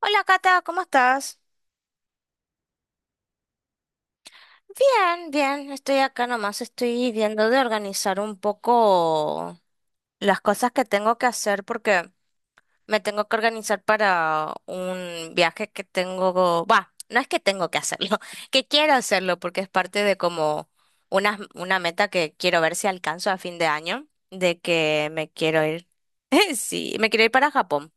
Hola Cata, ¿cómo estás? Bien, bien, estoy acá nomás, estoy viendo de organizar un poco las cosas que tengo que hacer porque me tengo que organizar para un viaje que tengo, va, no es que tengo que hacerlo, que quiero hacerlo porque es parte de como una meta que quiero ver si alcanzo a fin de año, de que me quiero ir, sí, me quiero ir para Japón.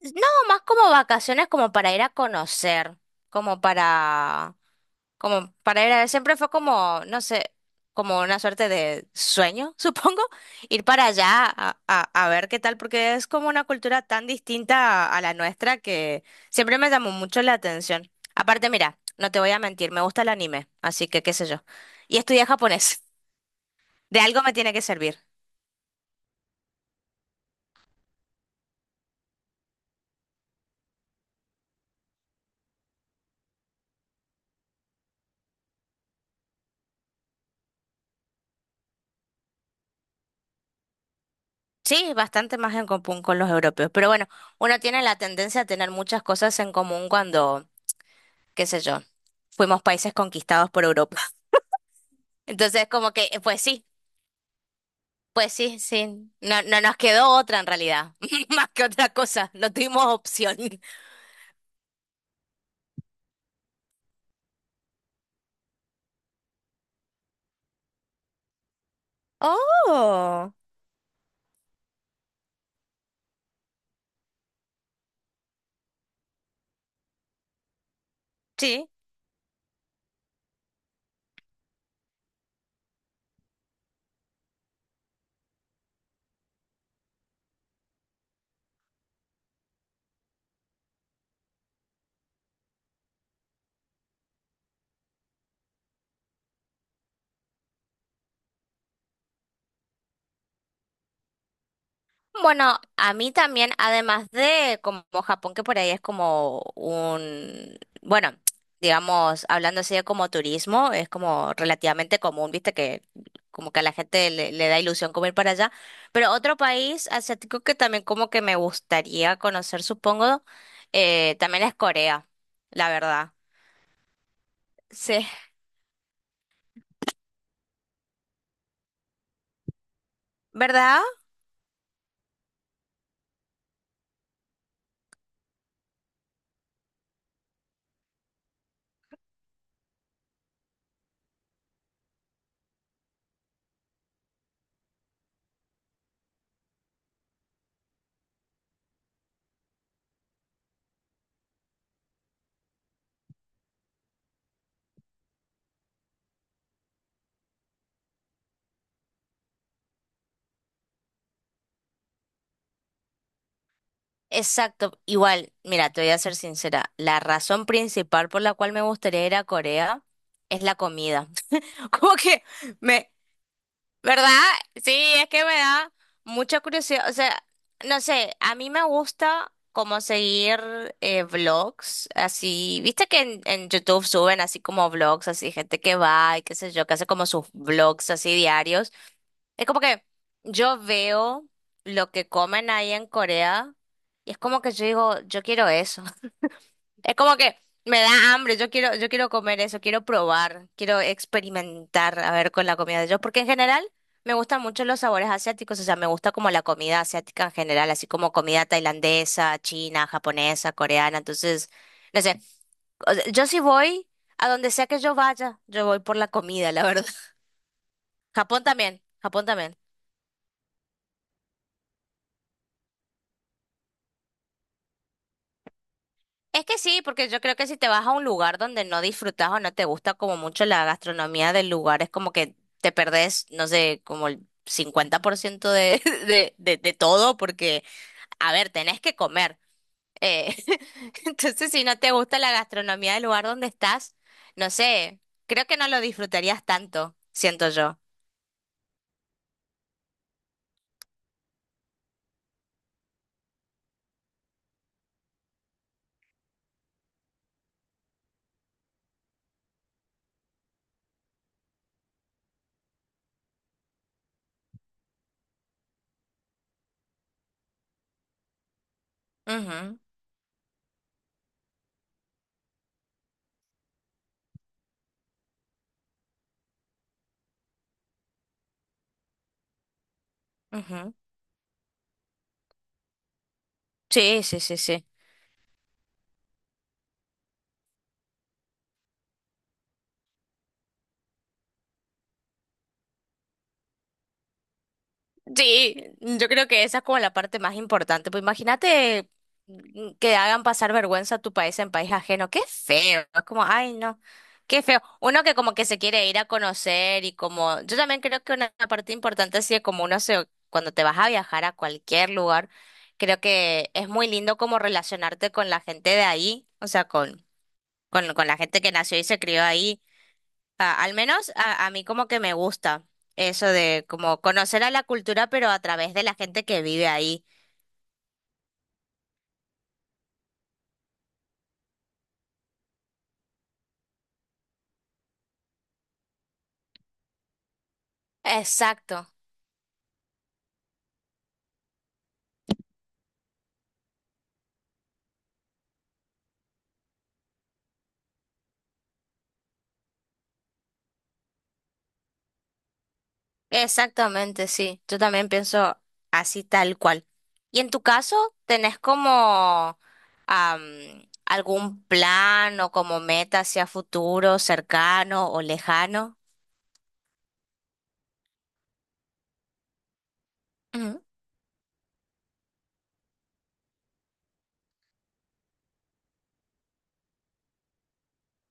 No, más como vacaciones, como para ir a conocer, como para, como para ir a ver. Siempre fue como, no sé, como una suerte de sueño, supongo, ir para allá a ver qué tal, porque es como una cultura tan distinta a la nuestra que siempre me llamó mucho la atención. Aparte, mira, no te voy a mentir, me gusta el anime, así que qué sé yo. Y estudié japonés, de algo me tiene que servir. Sí, bastante más en común con los europeos. Pero bueno, uno tiene la tendencia a tener muchas cosas en común cuando, qué sé yo, fuimos países conquistados por Europa. Entonces, como que, pues sí, sí. No, no nos quedó otra en realidad, más que otra cosa. No tuvimos opción. Oh, sí. Bueno, a mí también, además de como Japón, que por ahí es como un, bueno, digamos, hablando así de como turismo, es como relativamente común, viste, que como que a la gente le, le da ilusión como ir para allá. Pero otro país asiático que también como que me gustaría conocer, supongo, también es Corea, la verdad. Sí. ¿Verdad? Exacto. Igual, mira, te voy a ser sincera. La razón principal por la cual me gustaría ir a Corea es la comida. Como que me, ¿verdad? Sí, es que me da mucha curiosidad. O sea, no sé, a mí me gusta como seguir vlogs, así, viste que en YouTube suben así como vlogs, así gente que va y qué sé yo, que hace como sus vlogs así diarios. Es como que yo veo lo que comen ahí en Corea y es como que yo digo, yo quiero eso. Es como que me da hambre, yo quiero comer eso, quiero probar, quiero experimentar, a ver, con la comida de ellos, porque en general me gustan mucho los sabores asiáticos, o sea, me gusta como la comida asiática en general, así como comida tailandesa, china, japonesa, coreana, entonces, no sé, o sea, yo sí voy a donde sea que yo vaya, yo voy por la comida, la verdad. Japón también, Japón también. Es que sí, porque yo creo que si te vas a un lugar donde no disfrutas o no te gusta como mucho la gastronomía del lugar, es como que te perdés, no sé, como el 50% de todo, porque, a ver, tenés que comer. Eh, entonces, si no te gusta la gastronomía del lugar donde estás, no sé, creo que no lo disfrutarías tanto, siento yo. Ujú, ujú. Sí, sí, sí, sí. Sí, yo creo que esa es como la parte más importante. Pues imagínate que hagan pasar vergüenza a tu país en país ajeno. Qué feo. Es como, ay, no. Qué feo. Uno que como que se quiere ir a conocer y como, yo también creo que una parte importante así es como uno se, cuando te vas a viajar a cualquier lugar, creo que es muy lindo como relacionarte con la gente de ahí, o sea, con la gente que nació y se crió ahí. Ah, al menos a mí como que me gusta eso de como conocer a la cultura, pero a través de la gente que vive ahí. Exacto, exactamente, sí. Yo también pienso así tal cual. ¿Y en tu caso, tenés como am, algún plan o como meta hacia futuro, cercano o lejano? Ujú.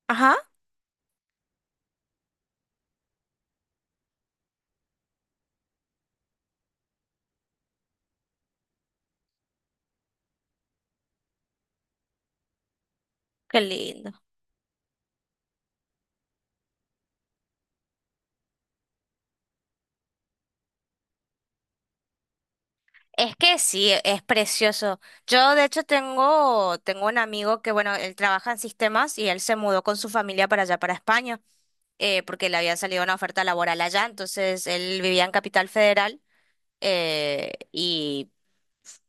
Ajá, qué lindo. Es que sí, es precioso. Yo de hecho tengo un amigo que, bueno, él trabaja en sistemas y él se mudó con su familia para allá, para España, porque le había salido una oferta laboral allá, entonces él vivía en Capital Federal y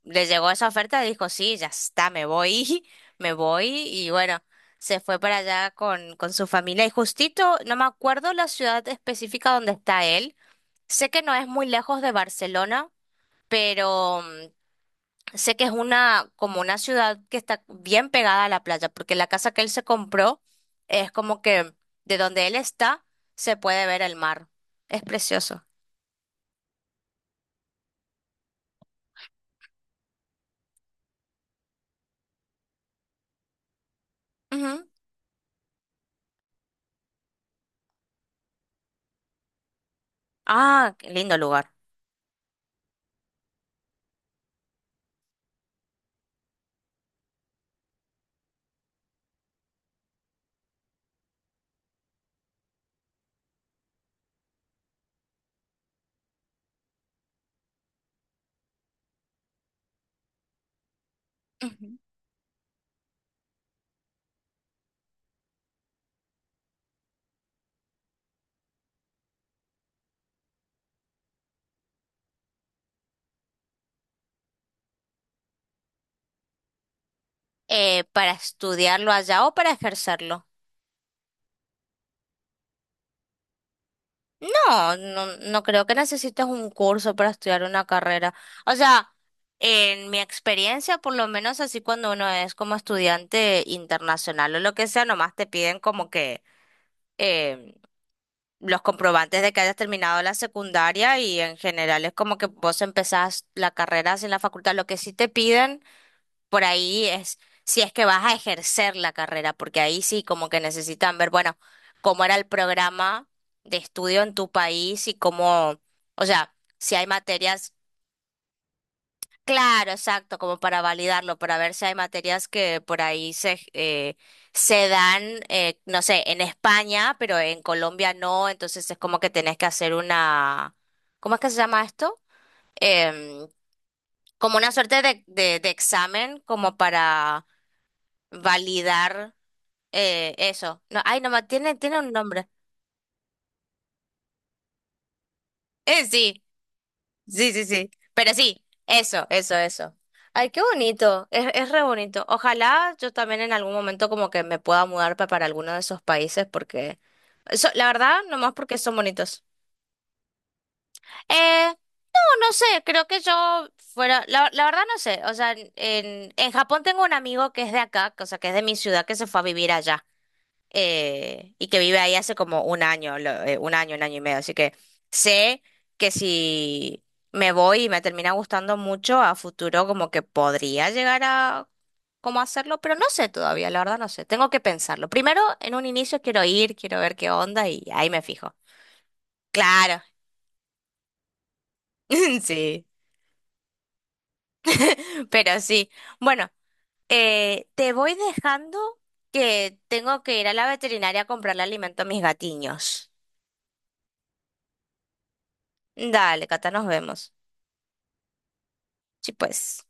le llegó esa oferta y dijo, sí, ya está, me voy, me voy y bueno, se fue para allá con su familia y justito, no me acuerdo la ciudad específica donde está él, sé que no es muy lejos de Barcelona, pero sé que es una, como una ciudad que está bien pegada a la playa, porque la casa que él se compró es como que de donde él está se puede ver el mar. Es precioso. Ujú. Ah, qué lindo lugar. Ujú. ¿Para estudiarlo allá o para ejercerlo? No, no, no creo que necesites un curso para estudiar una carrera. O sea, en mi experiencia, por lo menos así cuando uno es como estudiante internacional o lo que sea, nomás te piden como que eh, los comprobantes de que hayas terminado la secundaria y en general es como que vos empezás la carrera sin la facultad. Lo que sí te piden por ahí es si es que vas a ejercer la carrera, porque ahí sí como que necesitan ver, bueno, cómo era el programa de estudio en tu país y cómo, o sea, si hay materias. Claro, exacto, como para validarlo, para ver si hay materias que por ahí se, se dan, no sé, en España, pero en Colombia no, entonces es como que tenés que hacer una, ¿cómo es que se llama esto? Em, Como una suerte de examen, como para validar eso. No, ay, no, tiene, tiene un nombre. Sí. Sí, sí, sí. Pero sí, eso, eso, eso. Ay, qué bonito, es re bonito. Ojalá yo también en algún momento como que me pueda mudar para alguno de esos países porque, la verdad, nomás porque son bonitos. Eh, no, no sé, creo que yo fuera, la verdad no sé, o sea, en Japón tengo un amigo que es de acá, o sea, que es de mi ciudad, que se fue a vivir allá y que vive ahí hace como un año, un año, un año y medio. Así que sé que si me voy y me termina gustando mucho, a futuro como que podría llegar a como hacerlo, pero no sé todavía, la verdad no sé. Tengo que pensarlo. Primero, en un inicio quiero ir, quiero ver qué onda y ahí me fijo. Claro, sí, pero sí. Bueno, te voy dejando que tengo que ir a la veterinaria a comprarle alimento a mis gatiños. Dale, Cata, nos vemos. Sí, pues.